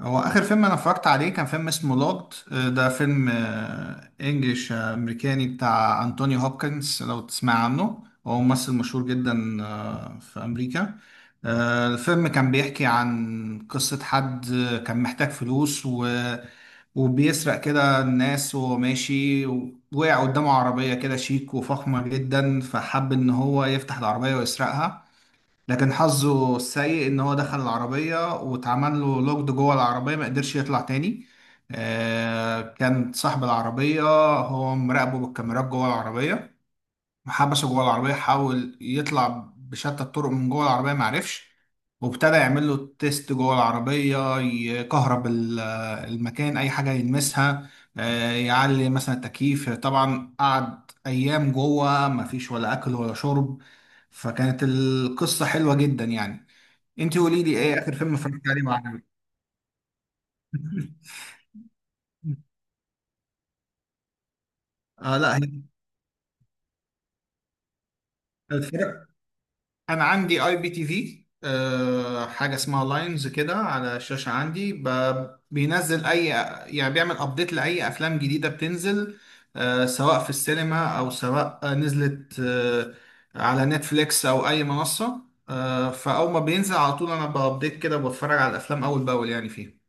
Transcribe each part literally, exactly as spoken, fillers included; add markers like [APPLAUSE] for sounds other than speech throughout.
هو اخر فيلم انا اتفرجت عليه كان فيلم اسمه لوجد. ده فيلم آه، انجليش، آه، امريكاني بتاع انتوني هوبكنز. لو تسمع عنه، هو ممثل مشهور جدا آه، في امريكا. آه، الفيلم كان بيحكي عن قصة حد آه، كان محتاج فلوس و وبيسرق كده الناس وهو ماشي. وقع قدامه عربية كده شيك وفخمة جدا، فحب ان هو يفتح العربية ويسرقها. لكن حظه السيء ان هو دخل العربية واتعمل له لوكد جوه العربية، ما قدرش يطلع تاني. آه كان صاحب العربية هو مراقبه بالكاميرات جوه العربية. حبسه جوه العربية، حاول يطلع بشتى الطرق من جوه العربية، معرفش. وابتدى يعمل له تيست جوه العربية، يكهرب ال- المكان، أي حاجة يلمسها، آه، يعلي مثلا التكييف. طبعا قعد أيام جوه، مفيش ولا أكل ولا شرب. فكانت القصة حلوة جدا يعني. انت قولي لي، ايه آخر فيلم اتفرجت عليه وعجبك؟ [LAUGHS] آه، لا. هي، انا عندي اي بي تي في، آه، حاجه اسمها لاينز كده على الشاشه عندي، ب- بينزل اي، يعني بيعمل ابديت لاي افلام جديده بتنزل، آه، سواء في السينما او سواء آه، نزلت آه، على نتفليكس او اي منصه. آه، فاول ما بينزل على طول انا بابديت كده وبتفرج على الافلام اول باول يعني فيه.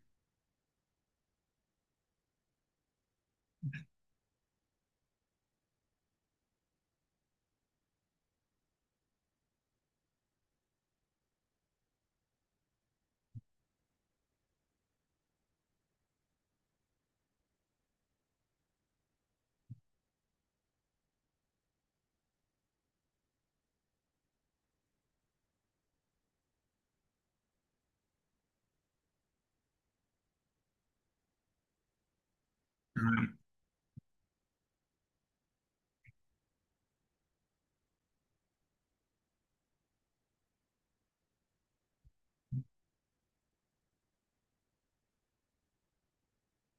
تمام،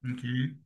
اوكي.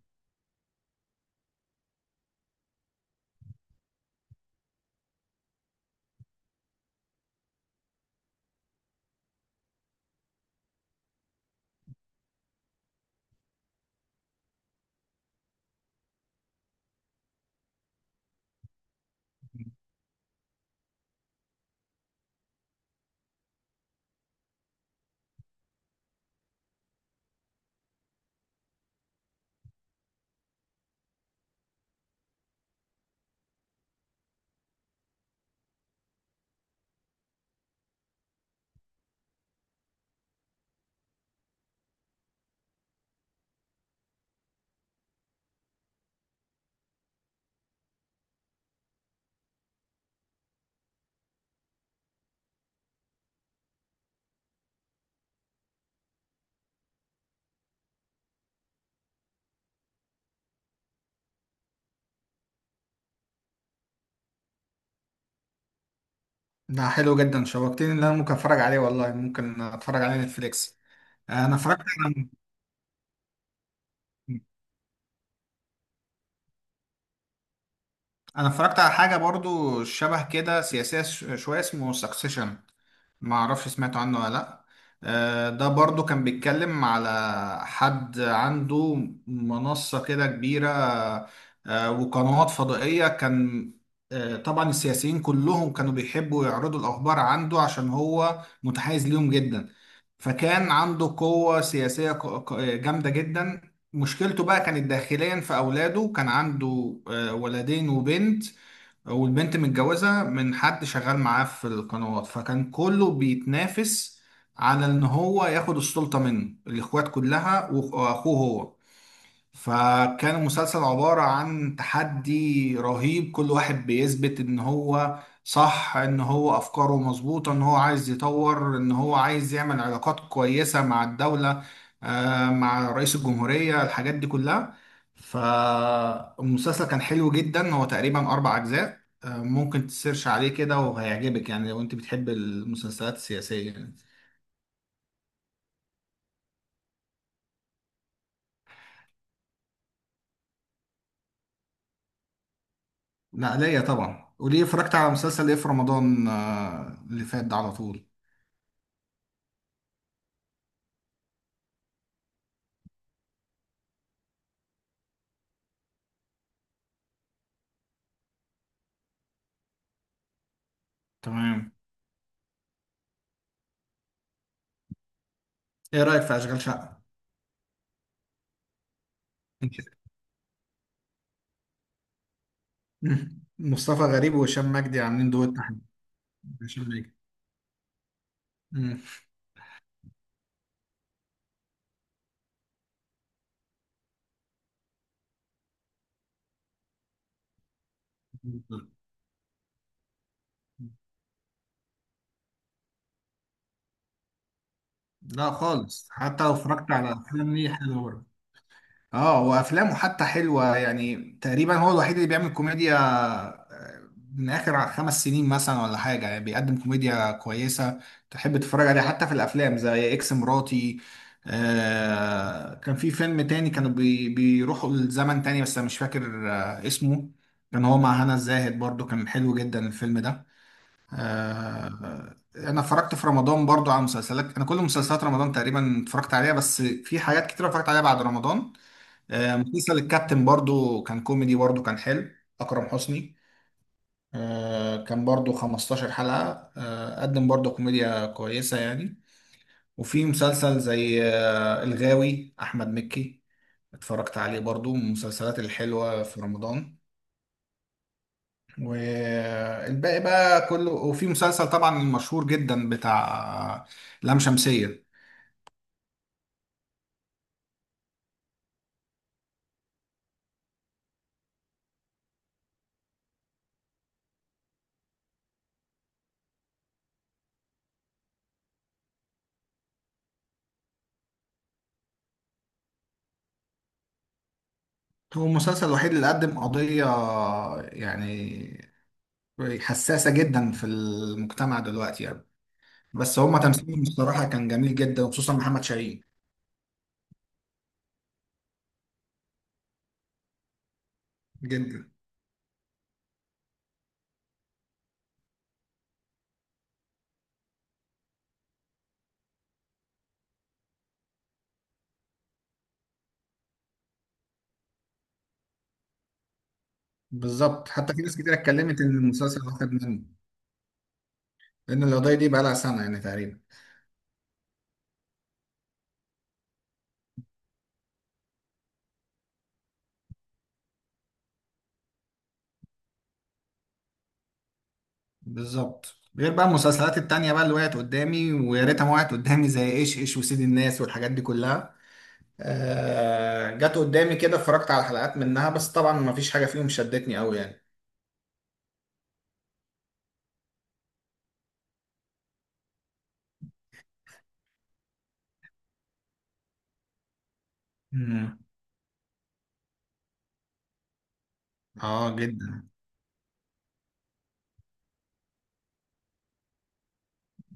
ده حلو جدا، شوقتني ان انا ممكن اتفرج عليه والله، ممكن اتفرج عليه نتفليكس. انا اتفرجت على انا اتفرجت على حاجه برضو شبه كده سياسيه ش- شويه، اسمه سكسيشن. ما اعرفش سمعت عنه ولا لا. آه، ده برضو كان بيتكلم على حد عنده منصه كده كبيره، آه، وقنوات فضائيه كان. آه، طبعا السياسيين كلهم كانوا بيحبوا يعرضوا الاخبار عنده عشان هو متحيز ليهم جدا. فكان عنده قوه سياسيه ق- ق- جامده جدا. مشكلته بقى كانت داخليا في اولاده، كان عنده آه، ولدين وبنت. والبنت متجوزة من حد شغال معاه في القنوات، فكان كله بيتنافس على ان هو ياخد السلطة منه، الاخوات كلها واخوه هو. فكان المسلسل عبارة عن تحدي رهيب، كل واحد بيثبت ان هو صح، ان هو افكاره مظبوطة، ان هو عايز يطور، ان هو عايز يعمل علاقات كويسة مع الدولة، آه، مع رئيس الجمهورية، الحاجات دي كلها. فالمسلسل كان حلو جدا، هو تقريبا اربع اجزاء، آه، ممكن تسيرش عليه كده وهيعجبك يعني لو انت بتحب المسلسلات السياسية يعني. لا، ليا طبعا، وليه اتفرجت على مسلسل ايه في رمضان آه، اللي فات ده على طول. تمام. ايه رأيك في اشغال شقة؟ مم. [LAUGHS] مصطفى غريب وهشام مجدي عاملين دويت تحت. هشام مجدي. مم. لا خالص، حتى لو اتفرجت على الافلام دي حلوة برضه. اه، وافلامه حتى حلوه يعني. تقريبا هو الوحيد اللي بيعمل كوميديا آه، من اخر خمس سنين مثلا ولا حاجه، يعني بيقدم كوميديا كويسه تحب تتفرج عليها، حتى في الافلام زي اكس مراتي. آه كان في فيلم تاني كانوا بي بيروحوا لزمن تاني، بس انا مش فاكر آه اسمه. كان هو مع هنا الزاهد، برضو كان حلو جدا الفيلم ده. آه انا اتفرجت في رمضان برضو على مسلسلات، انا كل مسلسلات رمضان تقريبا اتفرجت عليها، بس في حاجات كتير اتفرجت عليها بعد رمضان. آه، مسلسل الكابتن برضو كان كوميدي، برضو كان حلو. أكرم حسني، آه، كان برضو 15 حلقة، آه، قدم برضو كوميديا كويسة يعني. وفي مسلسل زي آه، الغاوي، أحمد مكي، اتفرجت عليه برضو، من المسلسلات الحلوة في رمضان. والباقي بقى كله. وفي مسلسل طبعا المشهور جدا بتاع آه، لام شمسية. هو المسلسل الوحيد اللي قدم قضية يعني حساسة جدا في المجتمع دلوقتي يعني. بس هما تمثيلهم الصراحة كان جميل جدا، وخصوصا محمد شاهين. جدا. بالظبط، حتى في ناس كتير اتكلمت ان المسلسل واخد منه، لان القضية دي بقى لها سنة يعني تقريبا. بالظبط، غير بقى المسلسلات التانية بقى اللي وقعت قدامي ويا ريتها ما وقعت قدامي، زي ايش ايش وسيد الناس والحاجات دي كلها. آه جت قدامي كده، اتفرجت على حلقات منها، بس طبعا ما فيش حاجة فيهم شدتني قوي يعني. مم. اه، جدا.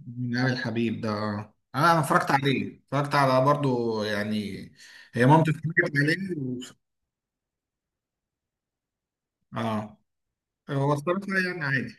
من أوي الحبيب ده. آه. انا أنا اتفرجت عليه، اتفرجت على برضو يعني. هي مامتي اتفرجت عليه. اه. هو الصراحة يعني عادي.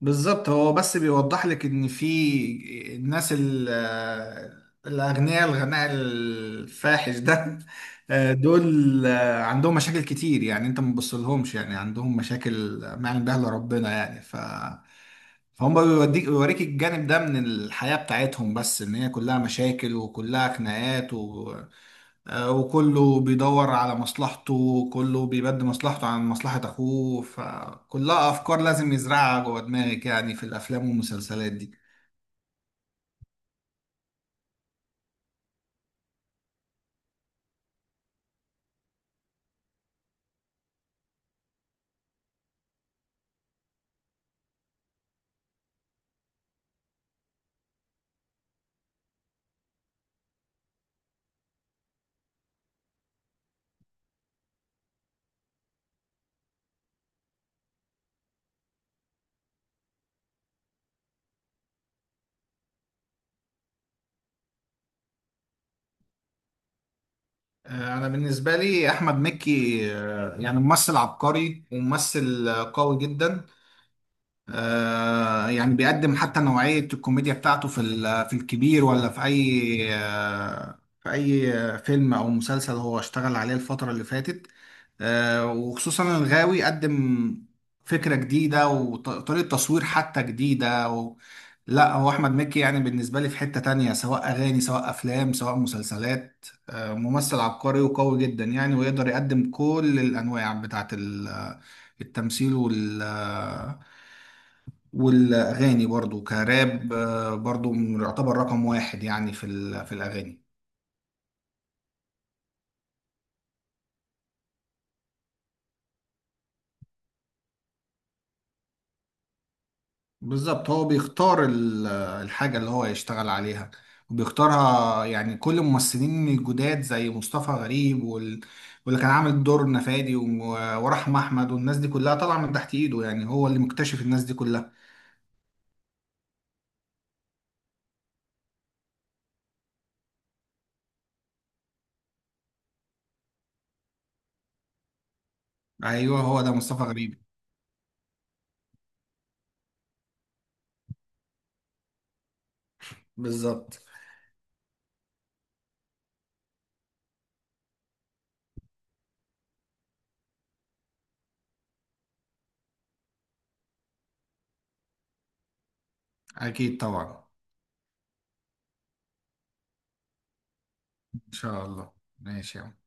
بالظبط، هو بس بيوضح لك ان في الناس ال- آه، الاغنياء، الغناء الفاحش ده. [LAUGHS] آه، دول عندهم مشاكل كتير، يعني انت ما تبصلهمش، يعني عندهم مشاكل ما يعلم بها الا ربنا يعني. ف فهم بيوديك بيوريك الجانب ده من الحياة بتاعتهم، بس ان هي كلها مشاكل وكلها خناقات و... آه، وكله بيدور على مصلحته، وكله بيبدي مصلحته عن مصلحة اخوه. فكلها افكار لازم يزرعها جوه دماغك، يعني في الافلام والمسلسلات دي. آه، انا بالنسبة لي احمد مكي آه، يعني ممثل عبقري وممثل آه، قوي جدا. آه، يعني بيقدم حتى نوعية الكوميديا بتاعته في ال- في الكبير، ولا في أي آه، في أي فيلم أو مسلسل هو اشتغل عليه الفترة اللي فاتت. آه، وخصوصا الغاوي، قدم فكرة جديدة وطريقة تصوير حتى جديدة و... لا، هو أحمد مكي يعني بالنسبة لي في حتة تانية، سواء أغاني سواء أفلام سواء مسلسلات، آه، ممثل عبقري وقوي جدا يعني، ويقدر يقدم كل الأنواع بتاعت التمثيل وال... والأغاني برضو كراب، آه، برضو يعتبر رقم واحد يعني في ال- في الأغاني. بالظبط، هو بيختار ال- الحاجة اللي هو يشتغل عليها وبيختارها يعني. كل الممثلين الجداد زي مصطفى غريب وال... واللي كان عامل دور نفادي و- ورحمة أحمد والناس دي كلها طالعة من تحت إيده، يعني هو اللي مكتشف الناس دي كلها. أيوه، هو ده مصطفى غريب. بالظبط. أكيد طبعا. إن شاء الله. ماشي يا عم.